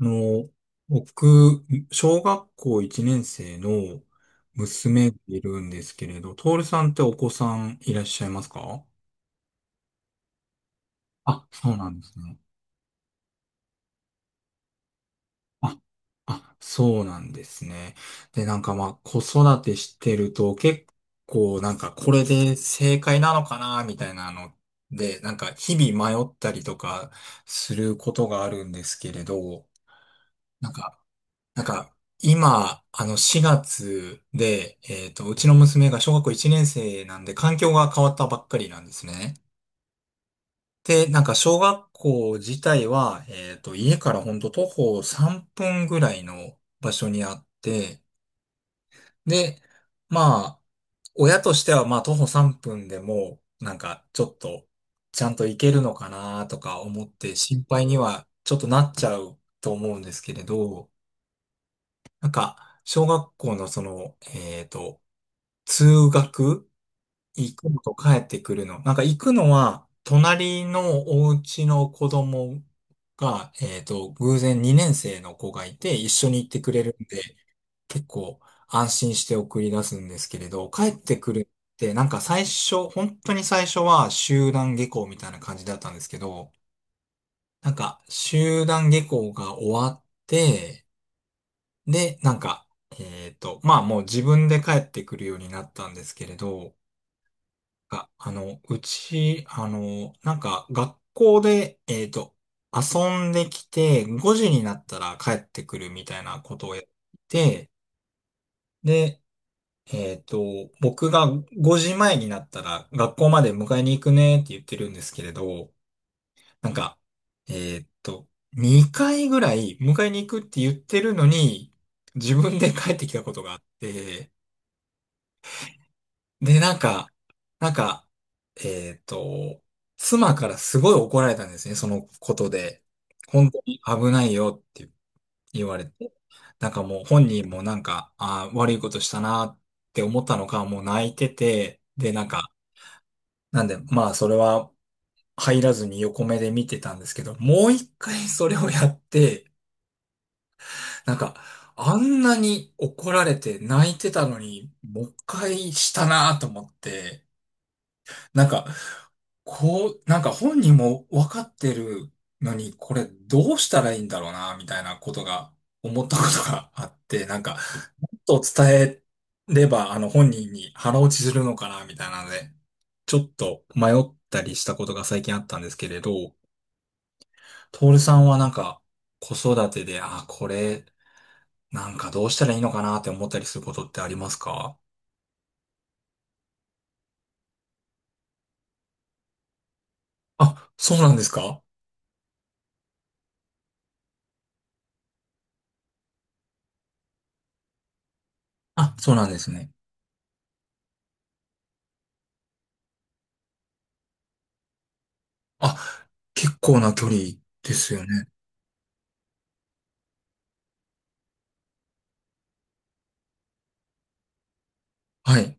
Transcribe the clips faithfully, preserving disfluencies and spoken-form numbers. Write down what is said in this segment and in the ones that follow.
あの、僕、小学校いちねん生の娘がいるんですけれど、トールさんってお子さんいらっしゃいますか？あ、そうなんですね。あ、あ、そうなんですね。で、なんかまあ、子育てしてると結構なんかこれで正解なのかな、みたいなので、なんか日々迷ったりとかすることがあるんですけれど、なんかなんか、今、あの、しがつで、えっと、うちの娘が小学校いちねん生なんで、環境が変わったばっかりなんですね。で、なんか、小学校自体は、えっと、家からほんと徒歩さんぷんぐらいの場所にあって、で、まあ、親としては、まあ、徒歩さんぷんでも、なんか、ちょっと、ちゃんと行けるのかなとか思って、心配には、ちょっとなっちゃうと思うんですけれど、なんか、小学校のその、えっと、通学、行くのと帰ってくるの。なんか行くのは、隣のお家の子供が、えっと、偶然にねん生の子がいて、一緒に行ってくれるんで、結構安心して送り出すんですけれど、帰ってくるって、なんか最初、本当に最初は集団下校みたいな感じだったんですけど、なんか集団下校が終わって、で、なんか、えっと、まあもう自分で帰ってくるようになったんですけれど、あ、あの、うち、あの、なんか学校で、えっと、遊んできて、ごじになったら帰ってくるみたいなことをやって、で、えっと、僕がごじまえになったら学校まで迎えに行くねって言ってるんですけれど、なんか、えっと、にかいぐらい迎えに行くって言ってるのに、自分で帰ってきたことがあって、で、なんか、なんか、えっと、妻からすごい怒られたんですね、そのことで。本当に危ないよって言われて。なんかもう本人もなんか、あー悪いことしたなって思ったのか、もう泣いてて、で、なんか、なんで、まあそれは入らずに横目で見てたんですけど、もう一回それをやって、なんか、あんなに怒られて泣いてたのに、もう一回したなと思って、なんか、こう、なんか本人も分かってるのに、これどうしたらいいんだろうな、みたいなことが、思ったことがあって、なんか、ちょっと伝えれば、あの本人に腹落ちするのかな、みたいなので、ちょっと迷ったりしたことが最近あったんですけれど、トールさんはなんか、子育てで、あ、これ、なんかどうしたらいいのかなって思ったりすることってありますか？あ、そうなんですか？あ、そうなんですね。あ、結構な距離ですよね。はい。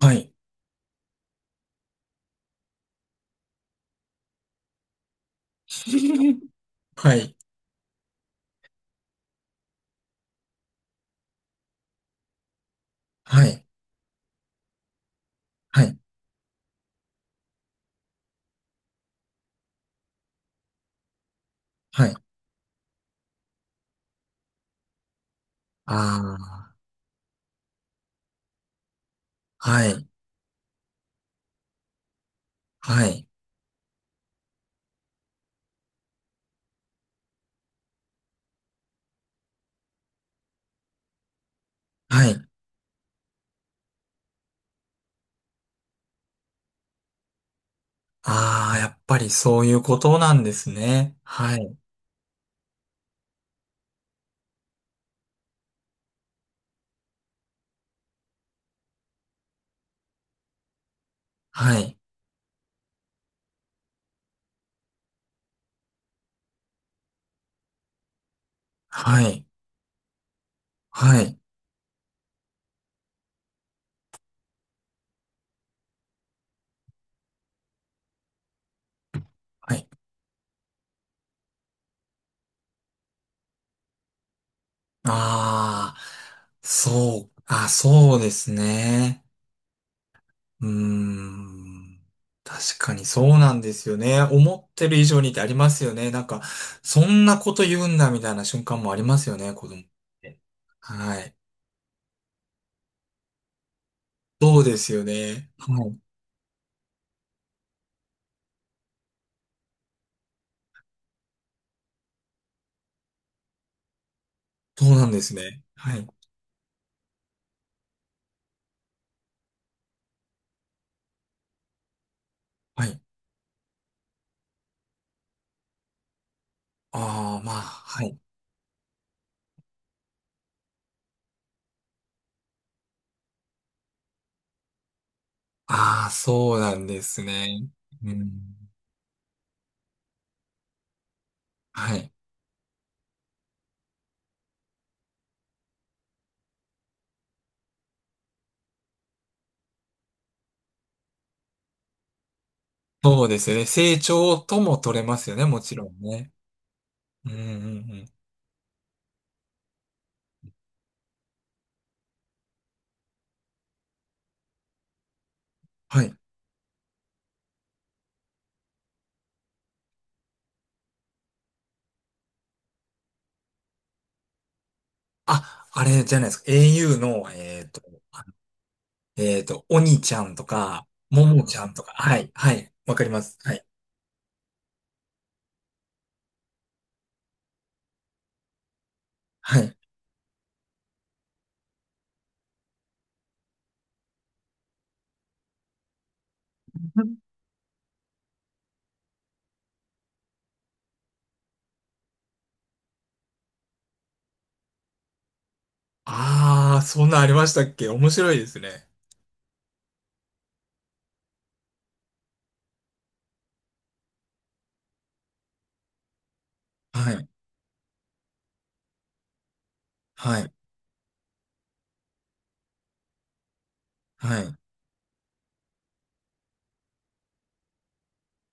はい。はい。はい。はい。はい。ああ、はい。はい。はい。ああ、やっぱりそういうことなんですね。はい。はい。はい。はい。はい。ああ、そう、あ、そうですね。うーん。確かにそうなんですよね。思ってる以上にってありますよね。なんか、そんなこと言うんだみたいな瞬間もありますよね、子供。て、はい。そうですよね。はい。そうなんですね。はい。はい。ああ、まあ、はい。ああ、そうなんですね。うん。はい。そうですよね。成長とも取れますよね、もちろんね。うんうんうん。はい。あ、あれじゃないですか。au の、えっと、えっと、おにちゃんとか、ももちゃんとか、はい、はい、わかります。はい、はい。ああ、そんなありましたっけ？面白いですね。はい、はい、はい。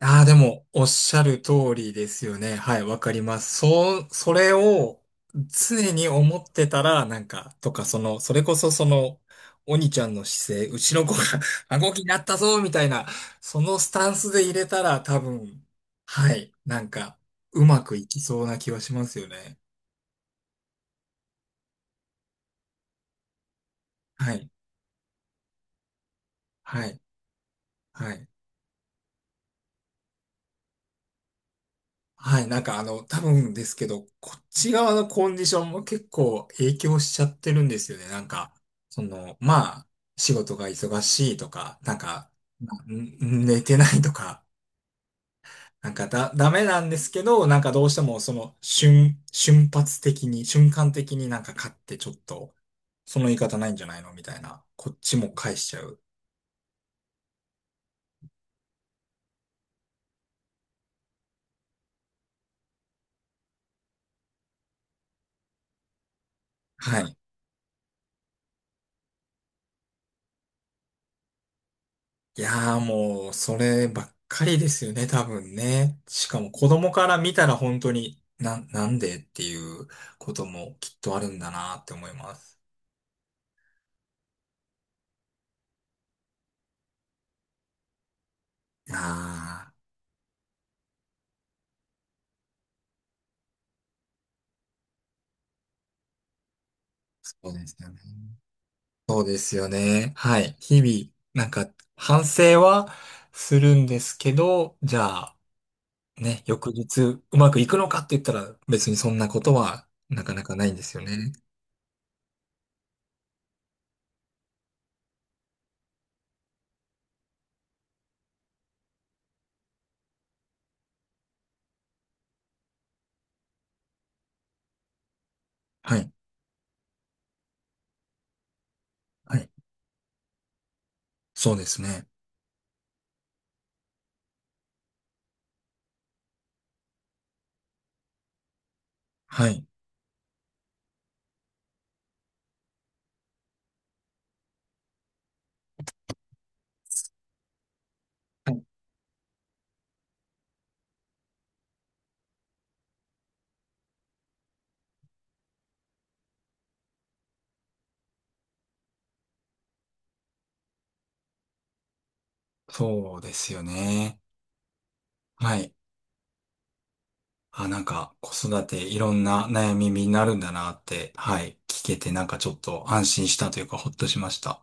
ああ、でも、おっしゃる通りですよね。はい、わかります。そう、それを常に思ってたら、なんか、とか、その、それこそその、鬼ちゃんの姿勢、うちの子が 顎気になったぞ、みたいな、そのスタンスで入れたら、多分、はい、なんか、うまくいきそうな気はしますよね。はい、はい、はい。はい、なんかあの、多分ですけど、こっち側のコンディションも結構影響しちゃってるんですよね。なんか、その、まあ、仕事が忙しいとか、なんか、ん寝てないとか、なんかだ、ダメなんですけど、なんかどうしてもその瞬、瞬発的に、瞬間的になんか勝ってちょっと、その言い方ないんじゃないのみたいな、こっちも返しちゃう。はい。いやーもう、そればっかりですよね、多分ね。しかも子供から見たら本当に、な、なんでっていうこともきっとあるんだなって思います。ああ、そうですよね。そうですよね。はい。日々、なんか、反省はするんですけど、じゃあ、ね、翌日うまくいくのかって言ったら別にそんなことはなかなかないんですよね。はい。はい。そうですね。はい。はい、そうですよね。はい。あ、なんか、子育ていろんな悩みになるんだなって、はい、聞けて、なんかちょっと安心したというか、ほっとしました。